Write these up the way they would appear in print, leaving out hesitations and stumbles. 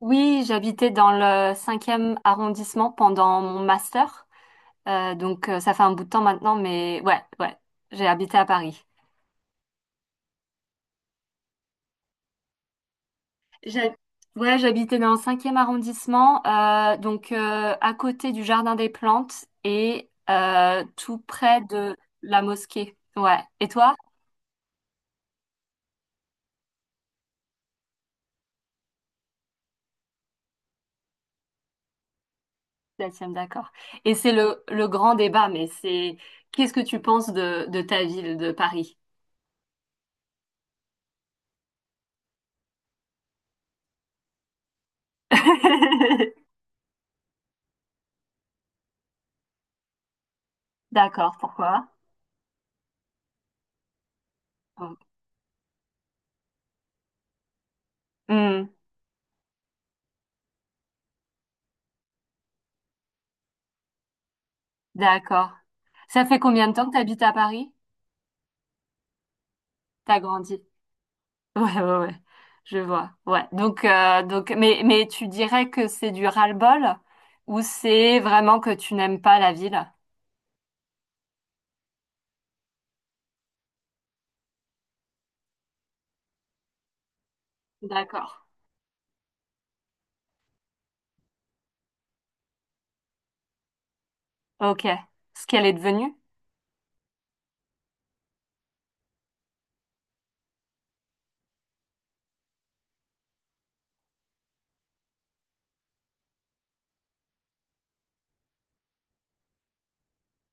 Oui, j'habitais dans le cinquième arrondissement pendant mon master. Ça fait un bout de temps maintenant, mais ouais, j'ai habité à Paris. J'ai- Ouais, j'habitais dans le cinquième arrondissement, à côté du Jardin des Plantes et tout près de la mosquée. Ouais. Et toi? Septième, d'accord. Et c'est le grand débat, mais c'est qu'est-ce que tu penses de ta ville, de Paris? D'accord, pourquoi? Bon. Hmm. D'accord. Ça fait combien de temps que t'habites à Paris? T'as grandi. Ouais, ouais, ouais. Je vois. Ouais. Mais tu dirais que c'est du ras-le-bol ou c'est vraiment que tu n'aimes pas la ville? D'accord. Ok. Ce qu'elle est devenue?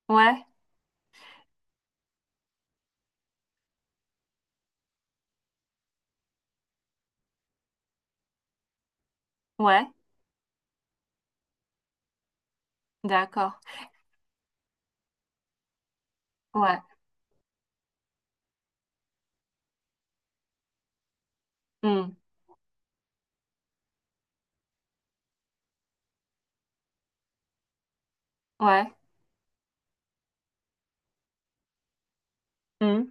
Ouais. Ouais. D'accord. Ouais. Hmm. Ouais. Hmm.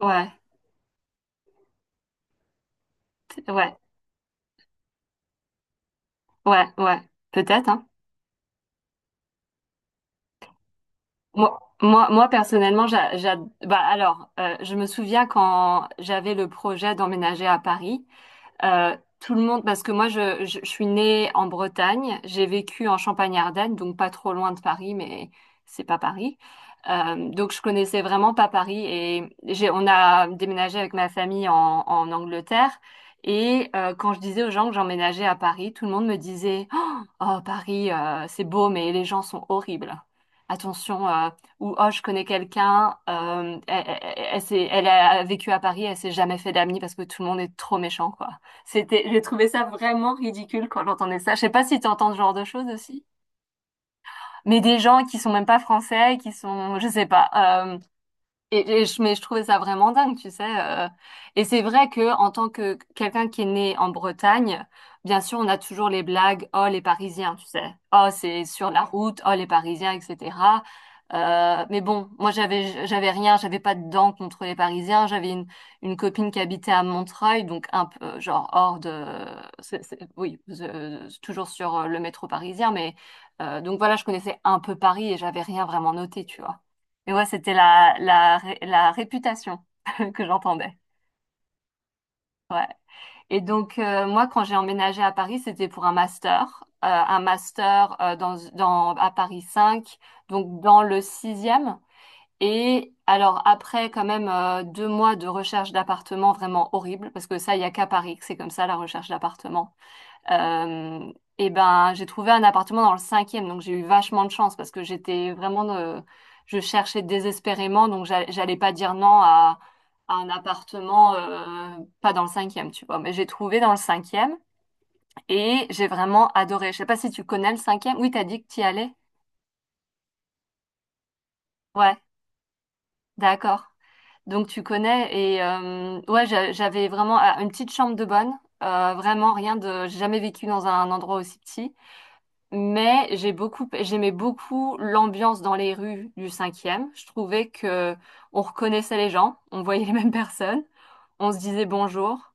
Ouais. Ouais. Ouais. Ouais. Peut-être, hein. Moi, personnellement, je me souviens quand j'avais le projet d'emménager à Paris. Tout le monde, parce que moi, je suis née en Bretagne, j'ai vécu en Champagne-Ardenne, donc pas trop loin de Paris, mais c'est pas Paris. Donc je connaissais vraiment pas Paris et j'ai, on a déménagé avec ma famille en Angleterre. Et quand je disais aux gens que j'emménageais à Paris, tout le monde me disait, oh, Paris, c'est beau, mais les gens sont horribles. Attention, ou oh, je connais quelqu'un, elle a vécu à Paris, elle s'est jamais fait d'amis parce que tout le monde est trop méchant, quoi. C'était, j'ai trouvé ça vraiment ridicule quand j'entendais ça. Je sais pas si tu entends ce genre de choses aussi, mais des gens qui sont même pas français, qui sont, je sais pas. euh, mais je trouvais ça vraiment dingue, tu sais. Et c'est vrai que en tant que quelqu'un qui est né en Bretagne, bien sûr, on a toujours les blagues, oh les Parisiens, tu sais. Oh c'est sur la route, oh les Parisiens, etc. Mais bon, moi j'avais rien, j'avais pas de dents contre les Parisiens. J'avais une copine qui habitait à Montreuil, donc un peu genre hors de, oui, toujours sur le métro parisien, mais voilà, je connaissais un peu Paris et j'avais rien vraiment noté, tu vois. Et ouais, c'était la réputation que j'entendais. Ouais. Et donc, moi, quand j'ai emménagé à Paris, c'était pour un master. Un master à Paris 5, donc dans le sixième. Et alors, après, quand même, deux mois de recherche d'appartement vraiment horrible, parce que ça, il n'y a qu'à Paris que c'est comme ça, la recherche d'appartement. Euh, et ben, j'ai trouvé un appartement dans le cinquième, donc j'ai eu vachement de chance parce que j'étais vraiment, je cherchais désespérément, donc j'allais pas dire non à, à un appartement pas dans le cinquième, tu vois. Mais j'ai trouvé dans le cinquième et j'ai vraiment adoré. Je sais pas si tu connais le cinquième. Oui, t'as dit que t'y allais. Ouais, d'accord. Donc tu connais et ouais, j'avais vraiment ah, une petite chambre de bonne. Vraiment rien de, j'ai jamais vécu dans un endroit aussi petit. Mais j'aimais beaucoup l'ambiance dans les rues du cinquième. Je trouvais que on reconnaissait les gens, on voyait les mêmes personnes, on se disait bonjour.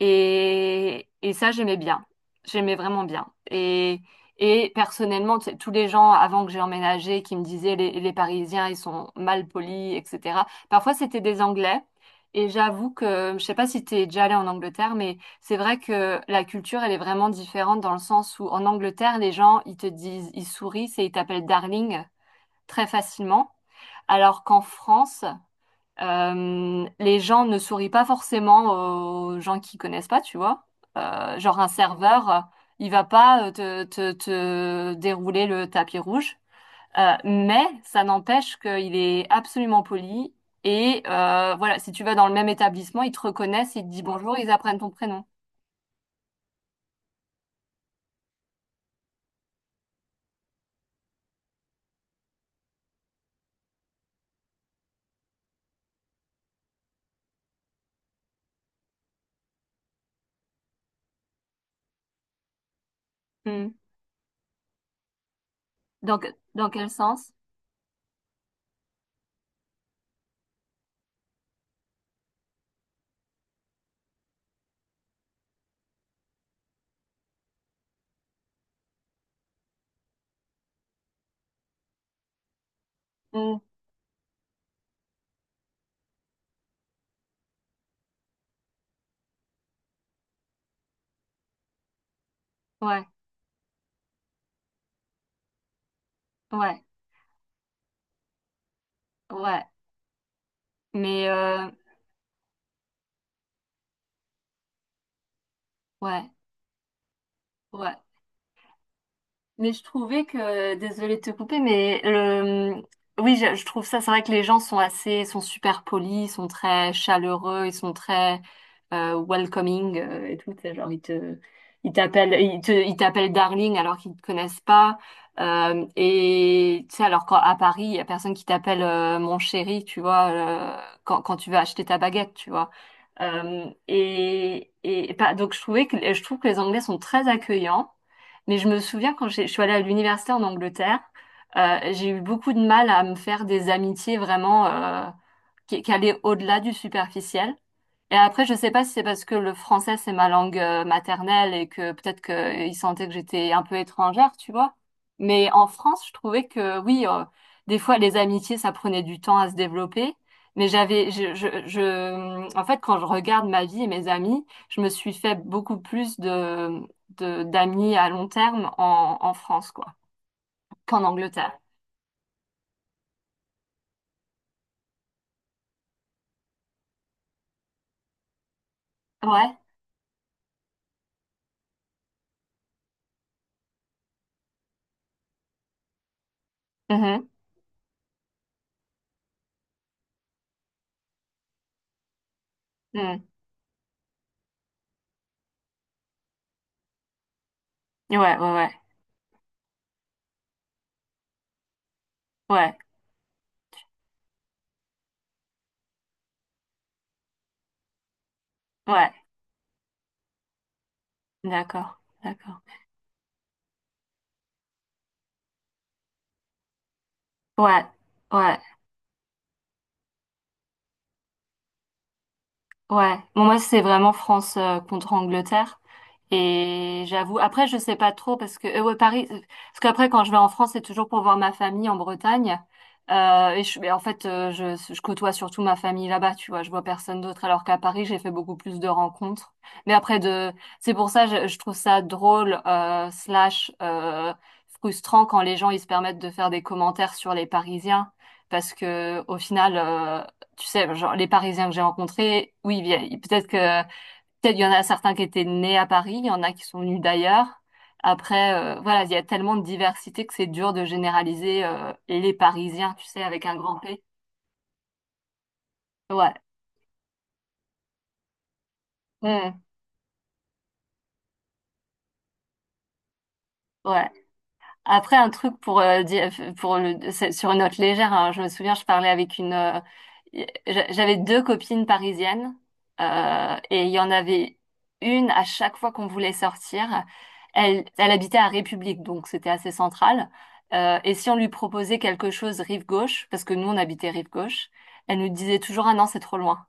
Et ça, j'aimais bien. J'aimais vraiment bien. Et personnellement, tu sais, tous les gens avant que j'ai emménagé qui me disaient les Parisiens, ils sont mal polis, etc. Parfois, c'était des Anglais. Et j'avoue que, je sais pas si t'es déjà allé en Angleterre, mais c'est vrai que la culture, elle est vraiment différente dans le sens où en Angleterre, les gens, ils te disent, ils sourient et ils t'appellent darling très facilement. Alors qu'en France, les gens ne sourient pas forcément aux gens qui connaissent pas, tu vois. Genre un serveur, il va pas te dérouler le tapis rouge. Mais ça n'empêche qu'il est absolument poli. Et voilà, si tu vas dans le même établissement, ils te reconnaissent, ils te disent bonjour, ils apprennent ton prénom. Hmm. Dans, dans quel sens? Mm, ouais, ouais, ouais. Mais ouais, ouais. Mais je trouvais que, désolée de te couper, mais le, oui, je trouve ça, c'est vrai que les gens sont assez, sont super polis, ils sont très chaleureux, ils sont très welcoming et tout. C'est Genre, ils t'appellent darling alors qu'ils te connaissent pas. Et tu sais, alors qu'à Paris, il y a personne qui t'appelle mon chéri, tu vois, quand tu vas acheter ta baguette, tu vois. Donc je trouve que les Anglais sont très accueillants. Mais je me souviens je suis allée à l'université en Angleterre, j'ai eu beaucoup de mal à me faire des amitiés vraiment qui allaient au-delà du superficiel. Et après, je sais pas si c'est parce que le français, c'est ma langue maternelle et que peut-être qu'ils sentaient que j'étais un peu étrangère, tu vois. Mais en France, je trouvais que oui, des fois, les amitiés, ça prenait du temps à se développer. Mais j'avais, je, en fait, quand je regarde ma vie et mes amis, je me suis fait beaucoup plus d'amis à long terme en France, quoi, qu'en Angleterre. Ouais. Mhm. Mhm. Ouais, ouais, ouais. Ouais, ouais. D'accord, d'accord. Ouais, ouais. Ouais. Bon, moi, c'est vraiment France contre Angleterre. Et j'avoue, après, je sais pas trop parce que ouais, Paris, parce qu'après, quand je vais en France, c'est toujours pour voir ma famille en Bretagne. Mais en fait, je côtoie surtout ma famille là-bas, tu vois. Je vois personne d'autre, alors qu'à Paris, j'ai fait beaucoup plus de rencontres. Mais c'est pour ça, je trouve ça drôle, slash, frustrant quand les gens ils se permettent de faire des commentaires sur les Parisiens, parce que au final, tu sais, genre, les Parisiens que j'ai rencontrés, oui, peut-être que Peut-être il y en a certains qui étaient nés à Paris, il y en a qui sont venus d'ailleurs. Après, voilà, il y a tellement de diversité que c'est dur de généraliser les Parisiens, tu sais, avec un grand P. Ouais. Mm. Ouais. Après, un truc pour, c'est sur une note légère, hein. Je me souviens, je parlais avec une, j'avais deux copines parisiennes, et il y en avait une à chaque fois qu'on voulait sortir. Elle, elle habitait à République, donc c'était assez central. Et si on lui proposait quelque chose rive gauche, parce que nous on habitait rive gauche, elle nous disait toujours, ah non, c'est trop loin.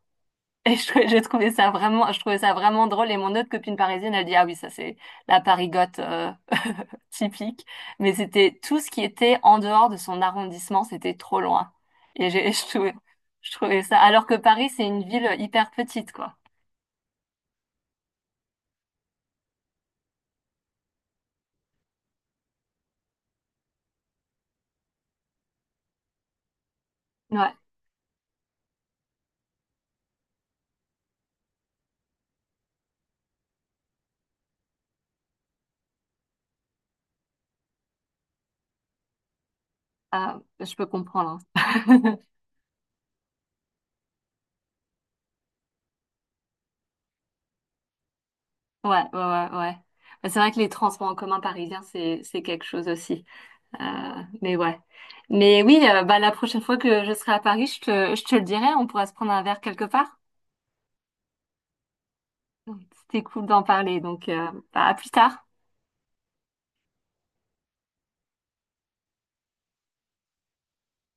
Et je trouvais ça vraiment, je trouvais ça vraiment drôle. Et mon autre copine parisienne, elle dit, ah oui, ça c'est la parigote typique. Mais c'était tout ce qui était en dehors de son arrondissement, c'était trop loin. Et je trouvais ça. Alors que Paris, c'est une ville hyper petite, quoi. Ouais, ah, je peux comprendre, hein. Ouais, ouais, ouais, ouais. Mais c'est vrai que les transports en commun parisiens, c'est quelque chose aussi. Mais ouais. Mais oui, bah, la prochaine fois que je serai à Paris, je te le dirai, on pourra se prendre un verre quelque part. C'était cool d'en parler, donc bah, à plus tard.